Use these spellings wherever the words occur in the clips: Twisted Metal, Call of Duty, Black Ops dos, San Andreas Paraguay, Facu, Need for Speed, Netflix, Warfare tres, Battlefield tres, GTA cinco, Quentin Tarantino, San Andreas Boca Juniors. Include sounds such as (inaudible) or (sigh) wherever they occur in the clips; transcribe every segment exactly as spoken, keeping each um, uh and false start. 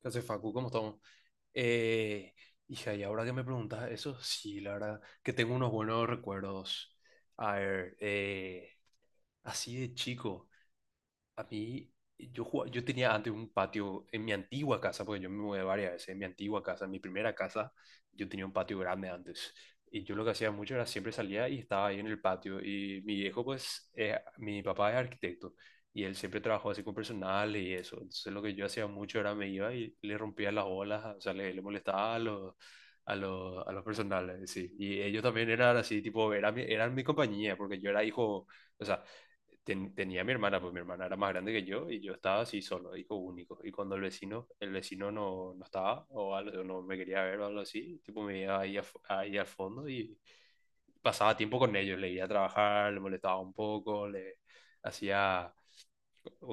¿Qué hace Facu? ¿Cómo estamos? Eh, hija, y ahora que me preguntas eso, sí, la verdad, que tengo unos buenos recuerdos. A ver, eh, así de chico. A mí, yo, jugaba- yo tenía antes un patio en mi antigua casa, porque yo me mudé varias veces, en mi antigua casa, en mi primera casa, yo tenía un patio grande antes. Y yo lo que hacía mucho era siempre salía y estaba ahí en el patio. Y mi viejo, pues, es- mi papá es arquitecto y él siempre trabajó así con personal y eso. Entonces lo que yo hacía mucho era me iba y le rompía las bolas, o sea, le, le molestaba a los, a los, a los personales, sí. Y ellos también eran así, tipo, eran mi, eran mi compañía, porque yo era hijo, o sea ten- tenía a mi hermana, pues mi hermana era más grande que yo y yo estaba así solo, hijo único. Y cuando el vecino, el vecino no, no estaba o algo, no me quería ver o algo así, tipo me iba ahí, af- ahí al fondo y pasaba tiempo con ellos, le iba a trabajar, le molestaba un poco, le hacía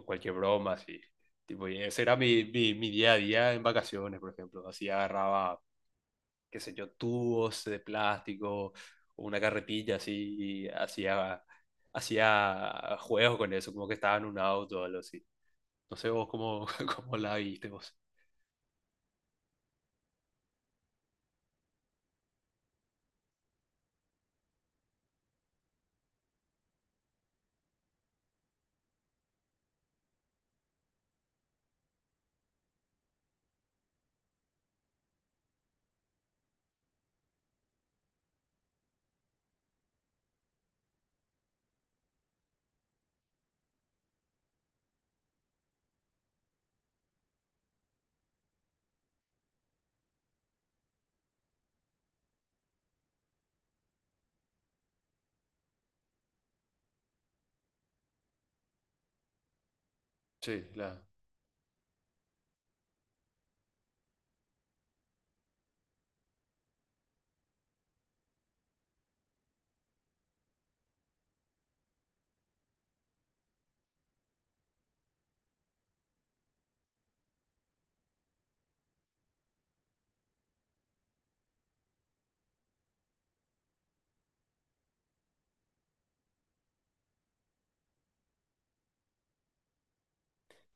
cualquier broma así. Tipo, y ese era mi, mi, mi día a día en vacaciones, por ejemplo. Así agarraba qué sé yo, tubos de plástico, una carretilla así, y hacía, hacía juegos con eso, como que estaba en un auto o algo así. No sé vos cómo, (laughs) cómo la viste vos. Sí, la.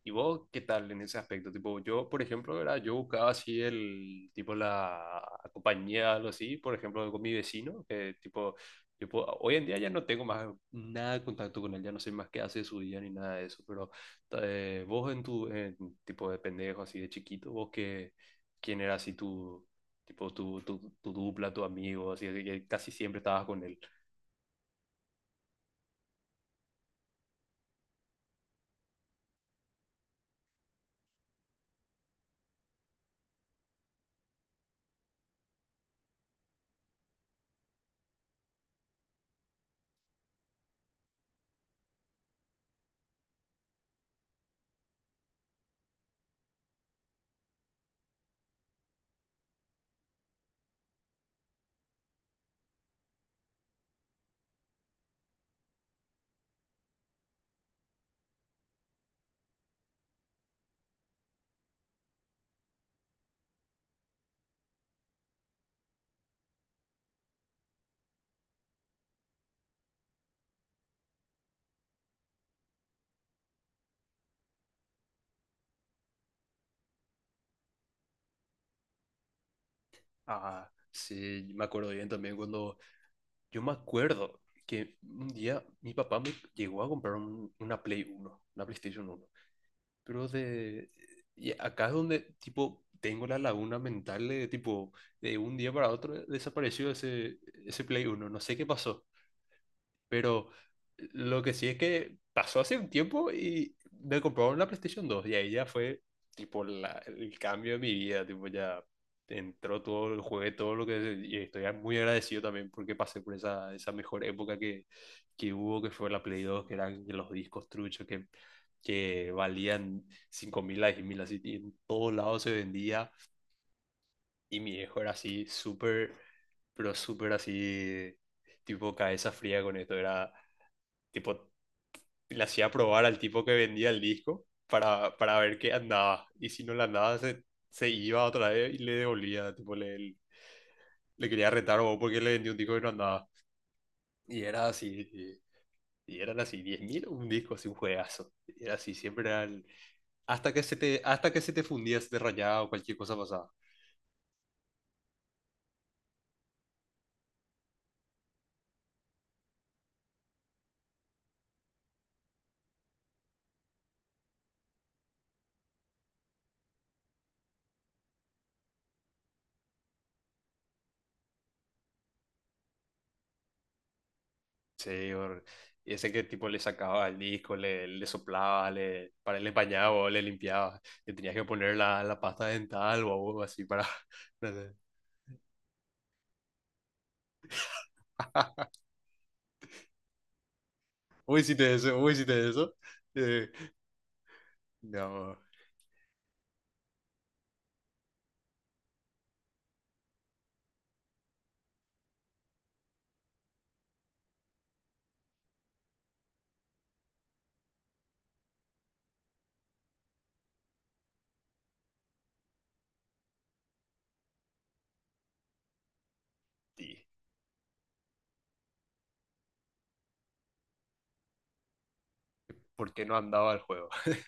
¿Y vos qué tal en ese aspecto? Tipo, yo, por ejemplo, ¿verdad? Yo buscaba así el, tipo, la compañía, algo así, por ejemplo, con mi vecino, que tipo, yo puedo- hoy en día ya no tengo más nada de contacto con él, ya no sé más qué hace de su día ni nada de eso, pero eh, vos en tu, en, tipo de pendejo, así de chiquito, vos qué, quién era así tu, tipo, tu, tu, tu dupla, tu amigo, así, de que casi siempre estabas con él. Ah, sí, me acuerdo bien también cuando Yo me acuerdo que un día mi papá me llegó a comprar un- una Play uno, una PlayStation uno. Pero de... Y acá es donde, tipo, tengo la laguna mental de, tipo, de un día para otro desapareció ese, ese Play uno. No sé qué pasó. Pero lo que sí es que pasó hace un tiempo y me compraron la PlayStation dos y ahí ya fue tipo la- el cambio de mi vida, tipo ya entró todo el juego todo lo que y estoy muy agradecido también porque pasé por esa, esa mejor época que, que hubo, que fue la Play dos, que eran los discos truchos que, que valían cinco mil a diez mil, así y en todos lados se vendía. Y mi viejo era así súper, pero súper así, tipo cabeza fría con esto, era tipo le hacía probar al tipo que vendía el disco para, para ver qué andaba. Y si no le andaba, se, se iba otra vez y le devolvía. Tipo, le, le quería retar o porque le vendió un disco que no andaba. Y era así. Y, y eran así diez mil un disco, así un juegazo. Y era así, siempre era el- hasta que se te hasta que se te fundía, se te rayaba o cualquier cosa pasaba. Sí, or- y ese que tipo le sacaba el disco, le, le soplaba, le, para él le bañaba o le limpiaba. Le tenías que poner la, la pasta dental o algo así para... (laughs) no sé. Vos hiciste eso, vos hiciste eso. Eh, no, sí, ¿por qué no andaba el juego? (laughs)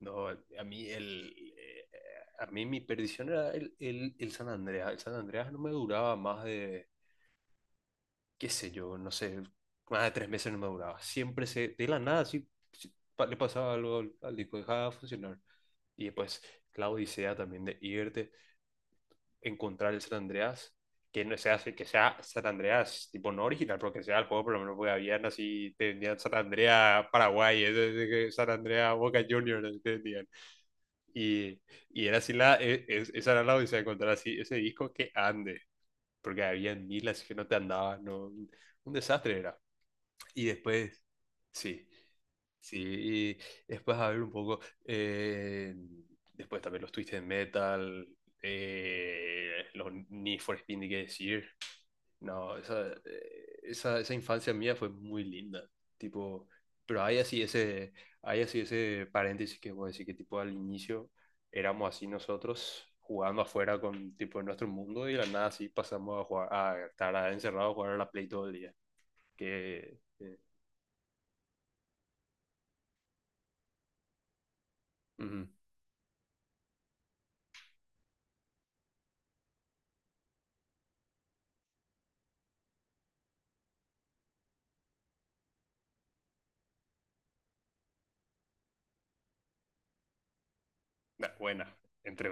No, a mí el, eh, a mí mi perdición era el, el, el San Andreas. El San Andreas no me duraba más de, qué sé yo, no sé, más de tres meses no me duraba. Siempre se, de la nada, sí, sí, pa- le pasaba algo al, al disco, dejaba de funcionar. Y después la Odisea también de irte encontrar el San Andreas, que no sea, que sea San Andreas, tipo no original, pero que sea el juego, por lo menos porque habían así, te vendían San Andreas Paraguay, San Andreas Boca Juniors, te vendían. Y, y era así la, es, esa era la odisea, de encontrar así ese disco que ande, porque había mil así que no te andaba, no, un desastre era. Y después, sí. Sí, y después, a ver un poco, eh, después también los Twisted Metal, eh, los Need for Speed, ni qué decir. No, esa, eh, esa, esa infancia mía fue muy linda, tipo, pero hay así ese, hay así ese paréntesis que voy a decir que tipo al inicio éramos así nosotros jugando afuera con tipo en nuestro mundo y de la nada así pasamos a jugar, a estar encerrados a jugar a la Play todo el día, que, que- ujú. Nah, Buena, entre,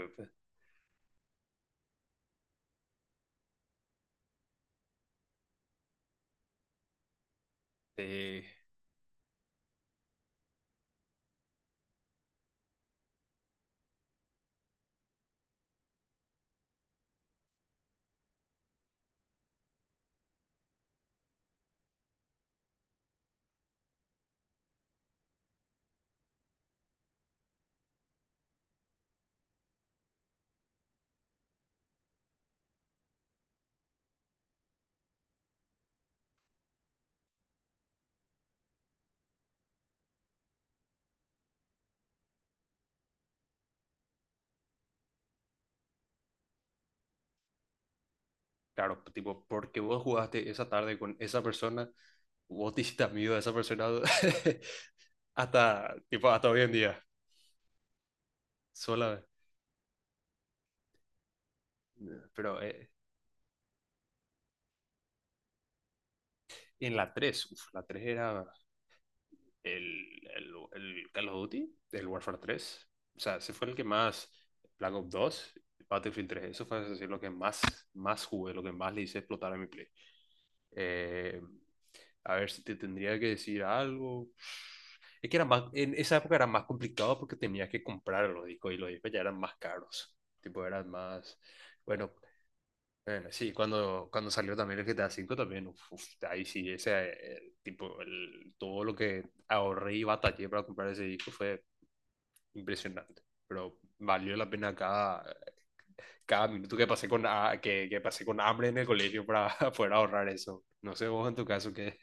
Eh, claro, tipo, porque vos jugaste esa tarde con esa persona, vos te hiciste amigo de esa persona (laughs) hasta, tipo, hasta hoy en día, sola. Pero eh, en la tres, uf, la tres era el, el, el Call of Duty, el Warfare tres. O sea, ese fue el que más, Black Ops dos, Battlefield tres, eso fue así, lo que más, más, jugué, lo que más le hice explotar a mi play. Eh, a ver si te tendría que decir algo. Es que era más, en esa época era más complicado porque tenías que comprar los discos y los discos ya eran más caros. Tipo, eran más. Bueno, bueno, sí, cuando, cuando salió también el GTA cinco también, uf, uf, ahí sí, ese, el tipo, el- todo lo que ahorré y batallé para comprar ese disco fue impresionante. Pero valió la pena cada, cada minuto que pasé con, ha- que, que pasé con hambre en el colegio para (laughs) poder ahorrar eso. No sé vos en tu caso qué.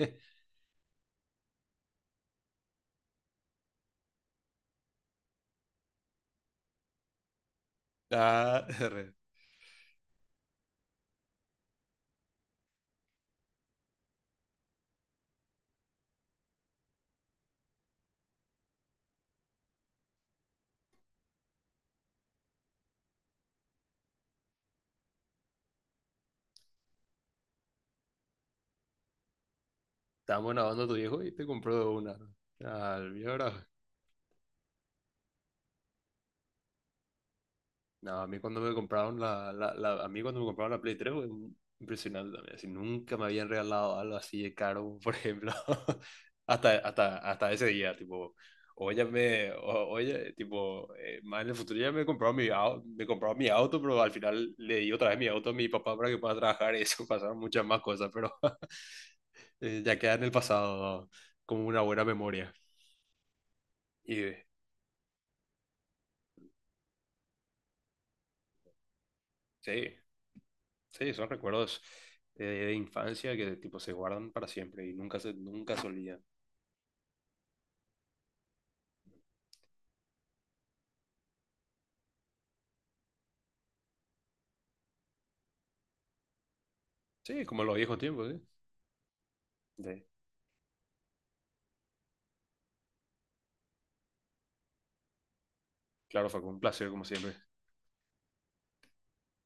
Ah, (laughs) re. Estábamos grabando a tu viejo y te compró una. Al mío ahora. No, a mí cuando me compraron la, la, la- a mí cuando me compraron la Play tres fue impresionante también. Así, nunca me habían regalado algo así de caro, por ejemplo. (laughs) Hasta, hasta, hasta ese día, tipo, oye, me, o- oye, tipo, eh, más en el futuro ya me compraron mi auto, me compraron mi auto, pero al final le di otra vez mi auto a mi papá para que pueda trabajar y eso (laughs) pasaron muchas más cosas, pero (laughs) eh, ya queda en el pasado como una buena memoria. Y, Sí, sí, son recuerdos eh, de infancia que tipo se guardan para siempre y nunca se, nunca se olvidan. Sí, como en los viejos tiempos, ¿sí? Sí. Claro, fue un placer como siempre.